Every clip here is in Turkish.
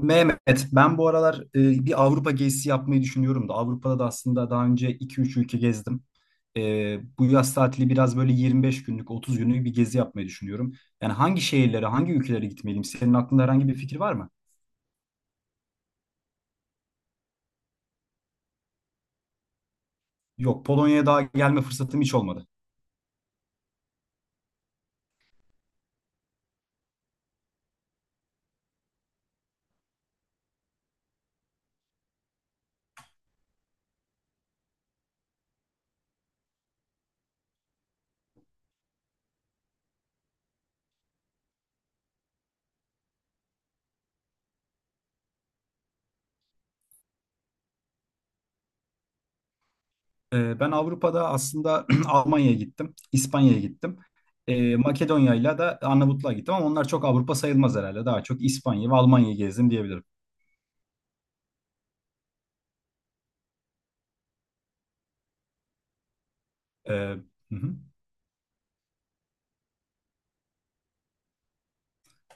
Mehmet, ben bu aralar bir Avrupa gezisi yapmayı düşünüyorum da Avrupa'da da aslında daha önce iki üç ülke gezdim. Bu yaz tatili biraz böyle 25 günlük, 30 günlük bir gezi yapmayı düşünüyorum. Yani hangi şehirlere, hangi ülkelere gitmeliyim? Senin aklında herhangi bir fikir var mı? Yok, Polonya'ya daha gelme fırsatım hiç olmadı. Ben Avrupa'da aslında Almanya'ya gittim, İspanya'ya gittim. Makedonya'yla da Arnavutluğa gittim ama onlar çok Avrupa sayılmaz herhalde. Daha çok İspanya ve Almanya'yı gezdim diyebilirim. E, hı hı.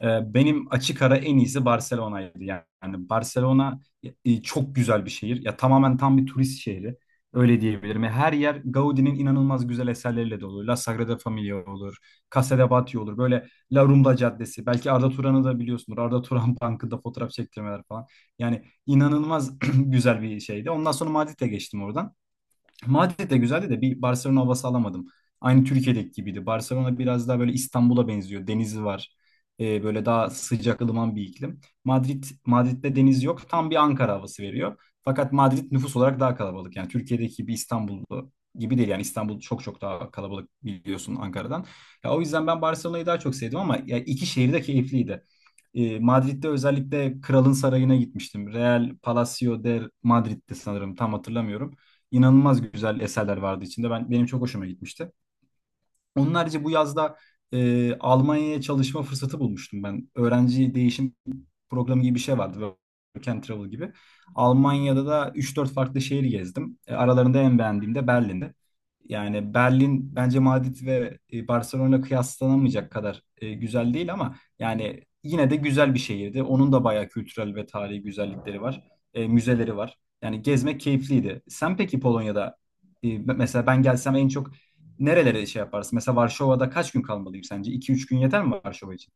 Benim açık ara en iyisi Barcelona'ydı. Yani Barcelona çok güzel bir şehir. Ya tamamen tam bir turist şehri. Öyle diyebilirim. Ya, her yer Gaudi'nin inanılmaz güzel eserleriyle dolu. La Sagrada Familia olur, Casa de Batlló olur. Böyle La Rambla Caddesi. Belki Arda Turan'ı da biliyorsunuz. Arda Turan Bankı'nda fotoğraf çektirmeler falan. Yani inanılmaz güzel bir şeydi. Ondan sonra Madrid'e geçtim oradan. Madrid de güzeldi de bir Barcelona havası alamadım. Aynı Türkiye'deki gibiydi. Barcelona biraz daha böyle İstanbul'a benziyor. Denizi var. Böyle daha sıcak ılıman bir iklim. Madrid'de deniz yok. Tam bir Ankara havası veriyor. Fakat Madrid nüfus olarak daha kalabalık. Yani Türkiye'deki bir İstanbul gibi değil. Yani İstanbul çok çok daha kalabalık biliyorsun Ankara'dan. Ya, o yüzden ben Barcelona'yı daha çok sevdim ama ya, iki şehir de keyifliydi. Madrid'de özellikle Kralın Sarayı'na gitmiştim. Real Palacio de Madrid'di sanırım, tam hatırlamıyorum. İnanılmaz güzel eserler vardı içinde. Benim çok hoşuma gitmişti. Onun harici bu yazda Almanya'ya çalışma fırsatı bulmuştum ben. Öğrenci değişim programı gibi bir şey vardı. Work and Travel gibi. Almanya'da da üç dört farklı şehir gezdim. Aralarında en beğendiğim de Berlin'di. Yani Berlin bence Madrid ve Barcelona kıyaslanamayacak kadar güzel değil ama yani yine de güzel bir şehirdi. Onun da bayağı kültürel ve tarihi güzellikleri var. Müzeleri var. Yani gezmek keyifliydi. Sen peki Polonya'da mesela ben gelsem en çok nerelere şey yaparsın? Mesela Varşova'da kaç gün kalmalıyım sence? 2 üç gün yeter mi Varşova için?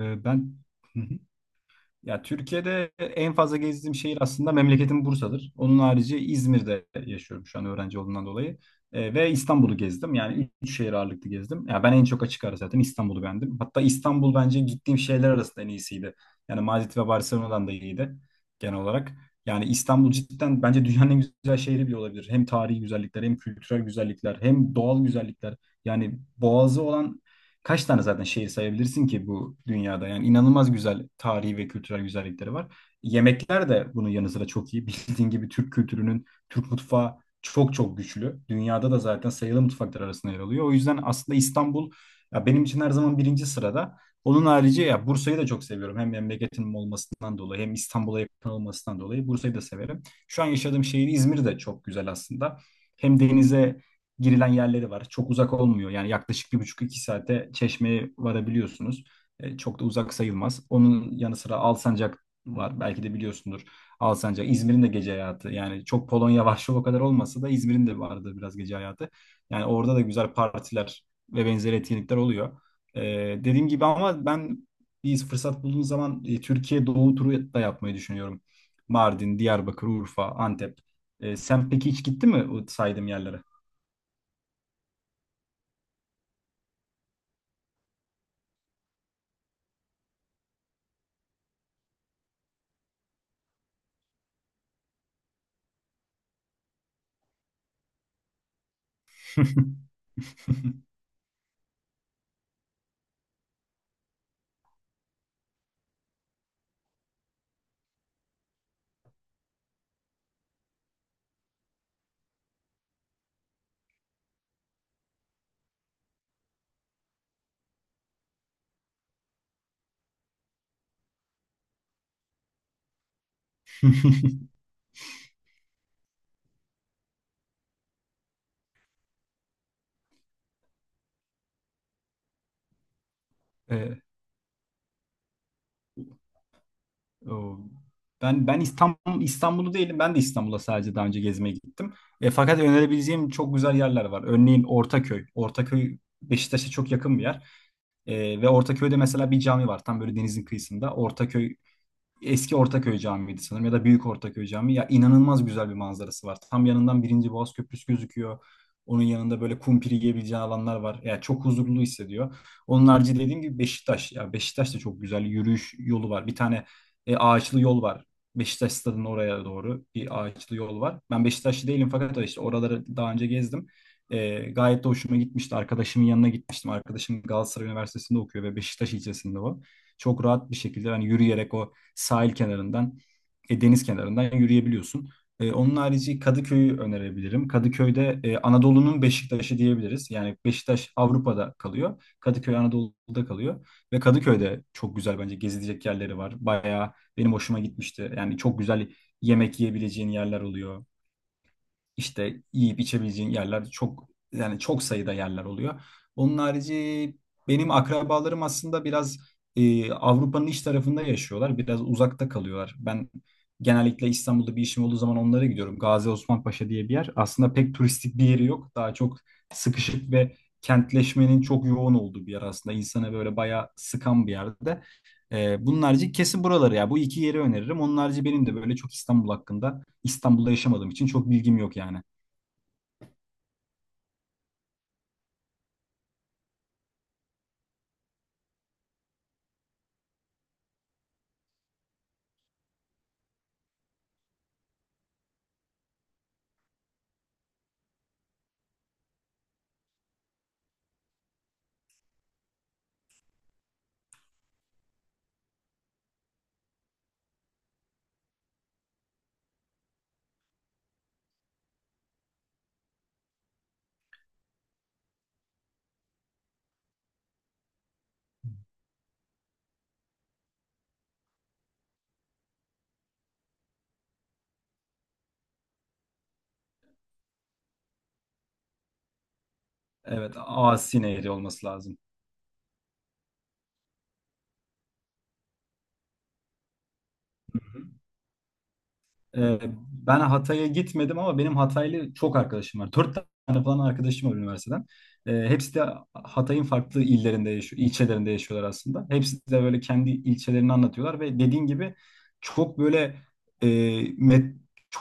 Ben ya Türkiye'de en fazla gezdiğim şehir aslında memleketim Bursa'dır. Onun harici İzmir'de yaşıyorum şu an öğrenci olduğundan dolayı. Ve İstanbul'u gezdim. Yani üç şehir ağırlıklı gezdim. Ya ben en çok açık ara zaten İstanbul'u beğendim. Hatta İstanbul bence gittiğim şehirler arasında en iyisiydi. Yani Madrid ve Barcelona'dan da iyiydi genel olarak. Yani İstanbul cidden bence dünyanın en güzel şehri bile olabilir. Hem tarihi güzellikler, hem kültürel güzellikler, hem doğal güzellikler. Yani boğazı olan kaç tane zaten şehir sayabilirsin ki bu dünyada? Yani inanılmaz güzel tarihi ve kültürel güzellikleri var. Yemekler de bunun yanı sıra çok iyi. Bildiğin gibi Türk kültürünün, Türk mutfağı çok çok güçlü. Dünyada da zaten sayılı mutfaklar arasında yer alıyor. O yüzden aslında İstanbul ya benim için her zaman birinci sırada. Onun harici ya Bursa'yı da çok seviyorum. Hem memleketimin olmasından dolayı hem İstanbul'a yakın olmasından dolayı Bursa'yı da severim. Şu an yaşadığım şehir İzmir de çok güzel aslında. Hem denize girilen yerleri var. Çok uzak olmuyor. Yani yaklaşık bir buçuk iki saate Çeşme'ye varabiliyorsunuz. Çok da uzak sayılmaz. Onun yanı sıra Alsancak var. Belki de biliyorsundur. Alsancak, İzmir'in de gece hayatı. Yani çok Polonya, Varşova kadar olmasa da İzmir'in de vardı biraz gece hayatı. Yani orada da güzel partiler ve benzeri etkinlikler oluyor. E, Dediğim gibi ama ben bir fırsat bulduğum zaman Türkiye Doğu turu da yapmayı düşünüyorum. Mardin, Diyarbakır, Urfa, Antep. Sen peki hiç gittin mi o saydığım yerlere? Ee, o- ben İstanbul İstanbul'u değilim. Ben de İstanbul'a sadece daha önce gezmeye gittim. Fakat önerebileceğim çok güzel yerler var. Örneğin Ortaköy. Ortaköy Beşiktaş'a çok yakın bir yer. Ve Ortaköy'de mesela bir cami var. Tam böyle denizin kıyısında. Ortaköy Eski Ortaköy Camii'ydi sanırım ya da Büyük Ortaköy Camii. Ya inanılmaz güzel bir manzarası var. Tam yanından Birinci Boğaz Köprüsü gözüküyor. Onun yanında böyle kumpiri yiyebileceği alanlar var. Yani çok huzurlu hissediyor. Onun harici dediğim gibi Beşiktaş. Ya Beşiktaş'ta çok güzel yürüyüş yolu var. Bir tane ağaçlı yol var. Beşiktaş stadının oraya doğru bir ağaçlı yol var. Ben Beşiktaşlı değilim fakat işte oraları daha önce gezdim. Gayet de hoşuma gitmişti. Arkadaşımın yanına gitmiştim. Arkadaşım Galatasaray Üniversitesi'nde okuyor ve Beşiktaş ilçesinde o. Çok rahat bir şekilde hani yürüyerek o sahil kenarından, deniz kenarından yürüyebiliyorsun. Onun harici Kadıköy'ü önerebilirim. Kadıköy'de Anadolu'nun Beşiktaş'ı diyebiliriz. Yani Beşiktaş Avrupa'da kalıyor. Kadıköy Anadolu'da kalıyor. Ve Kadıköy'de çok güzel bence gezilecek yerleri var. Bayağı benim hoşuma gitmişti. Yani çok güzel yemek yiyebileceğin yerler oluyor. İşte yiyip içebileceğin yerler çok, yani çok sayıda yerler oluyor. Onun harici benim akrabalarım aslında biraz Avrupa'nın iç tarafında yaşıyorlar. Biraz uzakta kalıyorlar. Ben genellikle İstanbul'da bir işim olduğu zaman onlara gidiyorum. Gazi Osman Paşa diye bir yer. Aslında pek turistik bir yeri yok. Daha çok sıkışık ve kentleşmenin çok yoğun olduğu bir yer aslında. İnsanı böyle bayağı sıkan bir yerde. Bunun harici kesin buraları ya. Bu iki yeri öneririm. Onun harici benim de böyle çok İstanbul hakkında İstanbul'da yaşamadığım için çok bilgim yok yani. Evet, Asi Nehri olması lazım. Ee, Ben Hatay'a gitmedim ama benim Hataylı çok arkadaşım var. Dört tane falan arkadaşım var üniversiteden. Hepsi de Hatay'ın farklı illerinde yaşıyor, ilçelerinde yaşıyorlar aslında. Hepsi de böyle kendi ilçelerini anlatıyorlar ve dediğin gibi çok böyle e, met-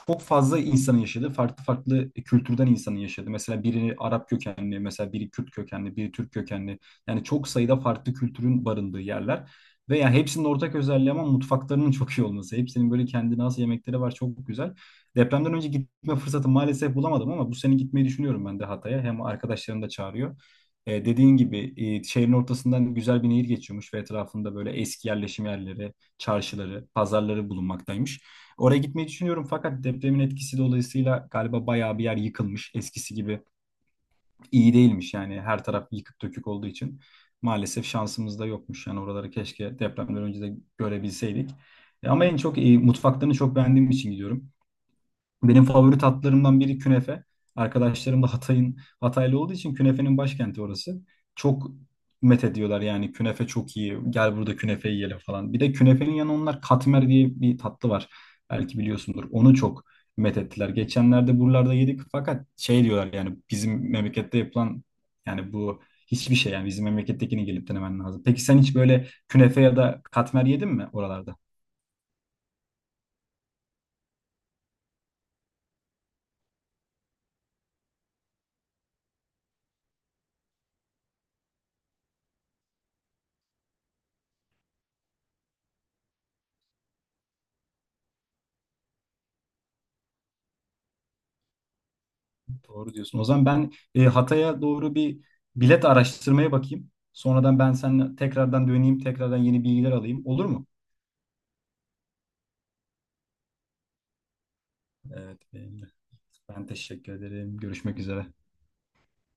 çok fazla insanın yaşadığı, farklı farklı kültürden insanın yaşadığı. Mesela biri Arap kökenli, mesela biri Kürt kökenli, biri Türk kökenli. Yani çok sayıda farklı kültürün barındığı yerler. Ve yani hepsinin ortak özelliği ama mutfaklarının çok iyi olması. Hepsinin böyle kendine has yemekleri var. Çok güzel. Depremden önce gitme fırsatı maalesef bulamadım ama bu sene gitmeyi düşünüyorum ben de Hatay'a. Hem arkadaşlarım da çağırıyor. Dediğin gibi şehrin ortasından güzel bir nehir geçiyormuş ve etrafında böyle eski yerleşim yerleri, çarşıları, pazarları bulunmaktaymış. Oraya gitmeyi düşünüyorum fakat depremin etkisi dolayısıyla galiba bayağı bir yer yıkılmış. Eskisi gibi iyi değilmiş, yani her taraf yıkık dökük olduğu için maalesef şansımız da yokmuş. Yani oraları keşke depremden önce de görebilseydik. Ama en çok mutfaklarını çok beğendiğim için gidiyorum. Benim favori tatlarımdan biri künefe. Arkadaşlarım da Hatay'ın Hataylı olduğu için künefenin başkenti orası. Çok met ediyorlar, yani künefe çok iyi. Gel burada künefe yiyelim falan. Bir de künefenin yanı onlar katmer diye bir tatlı var. Belki biliyorsundur. Onu çok met ettiler. Geçenlerde buralarda yedik fakat şey diyorlar, yani bizim memlekette yapılan yani bu hiçbir şey, yani bizim memlekettekini gelip denemen lazım. Peki sen hiç böyle künefe ya da katmer yedin mi oralarda? Doğru diyorsun. O zaman ben Hatay'a doğru bir bilet araştırmaya bakayım. Sonradan ben seninle tekrardan döneyim, tekrardan yeni bilgiler alayım. Olur mu? Evet, benim de. Ben teşekkür ederim. Görüşmek üzere.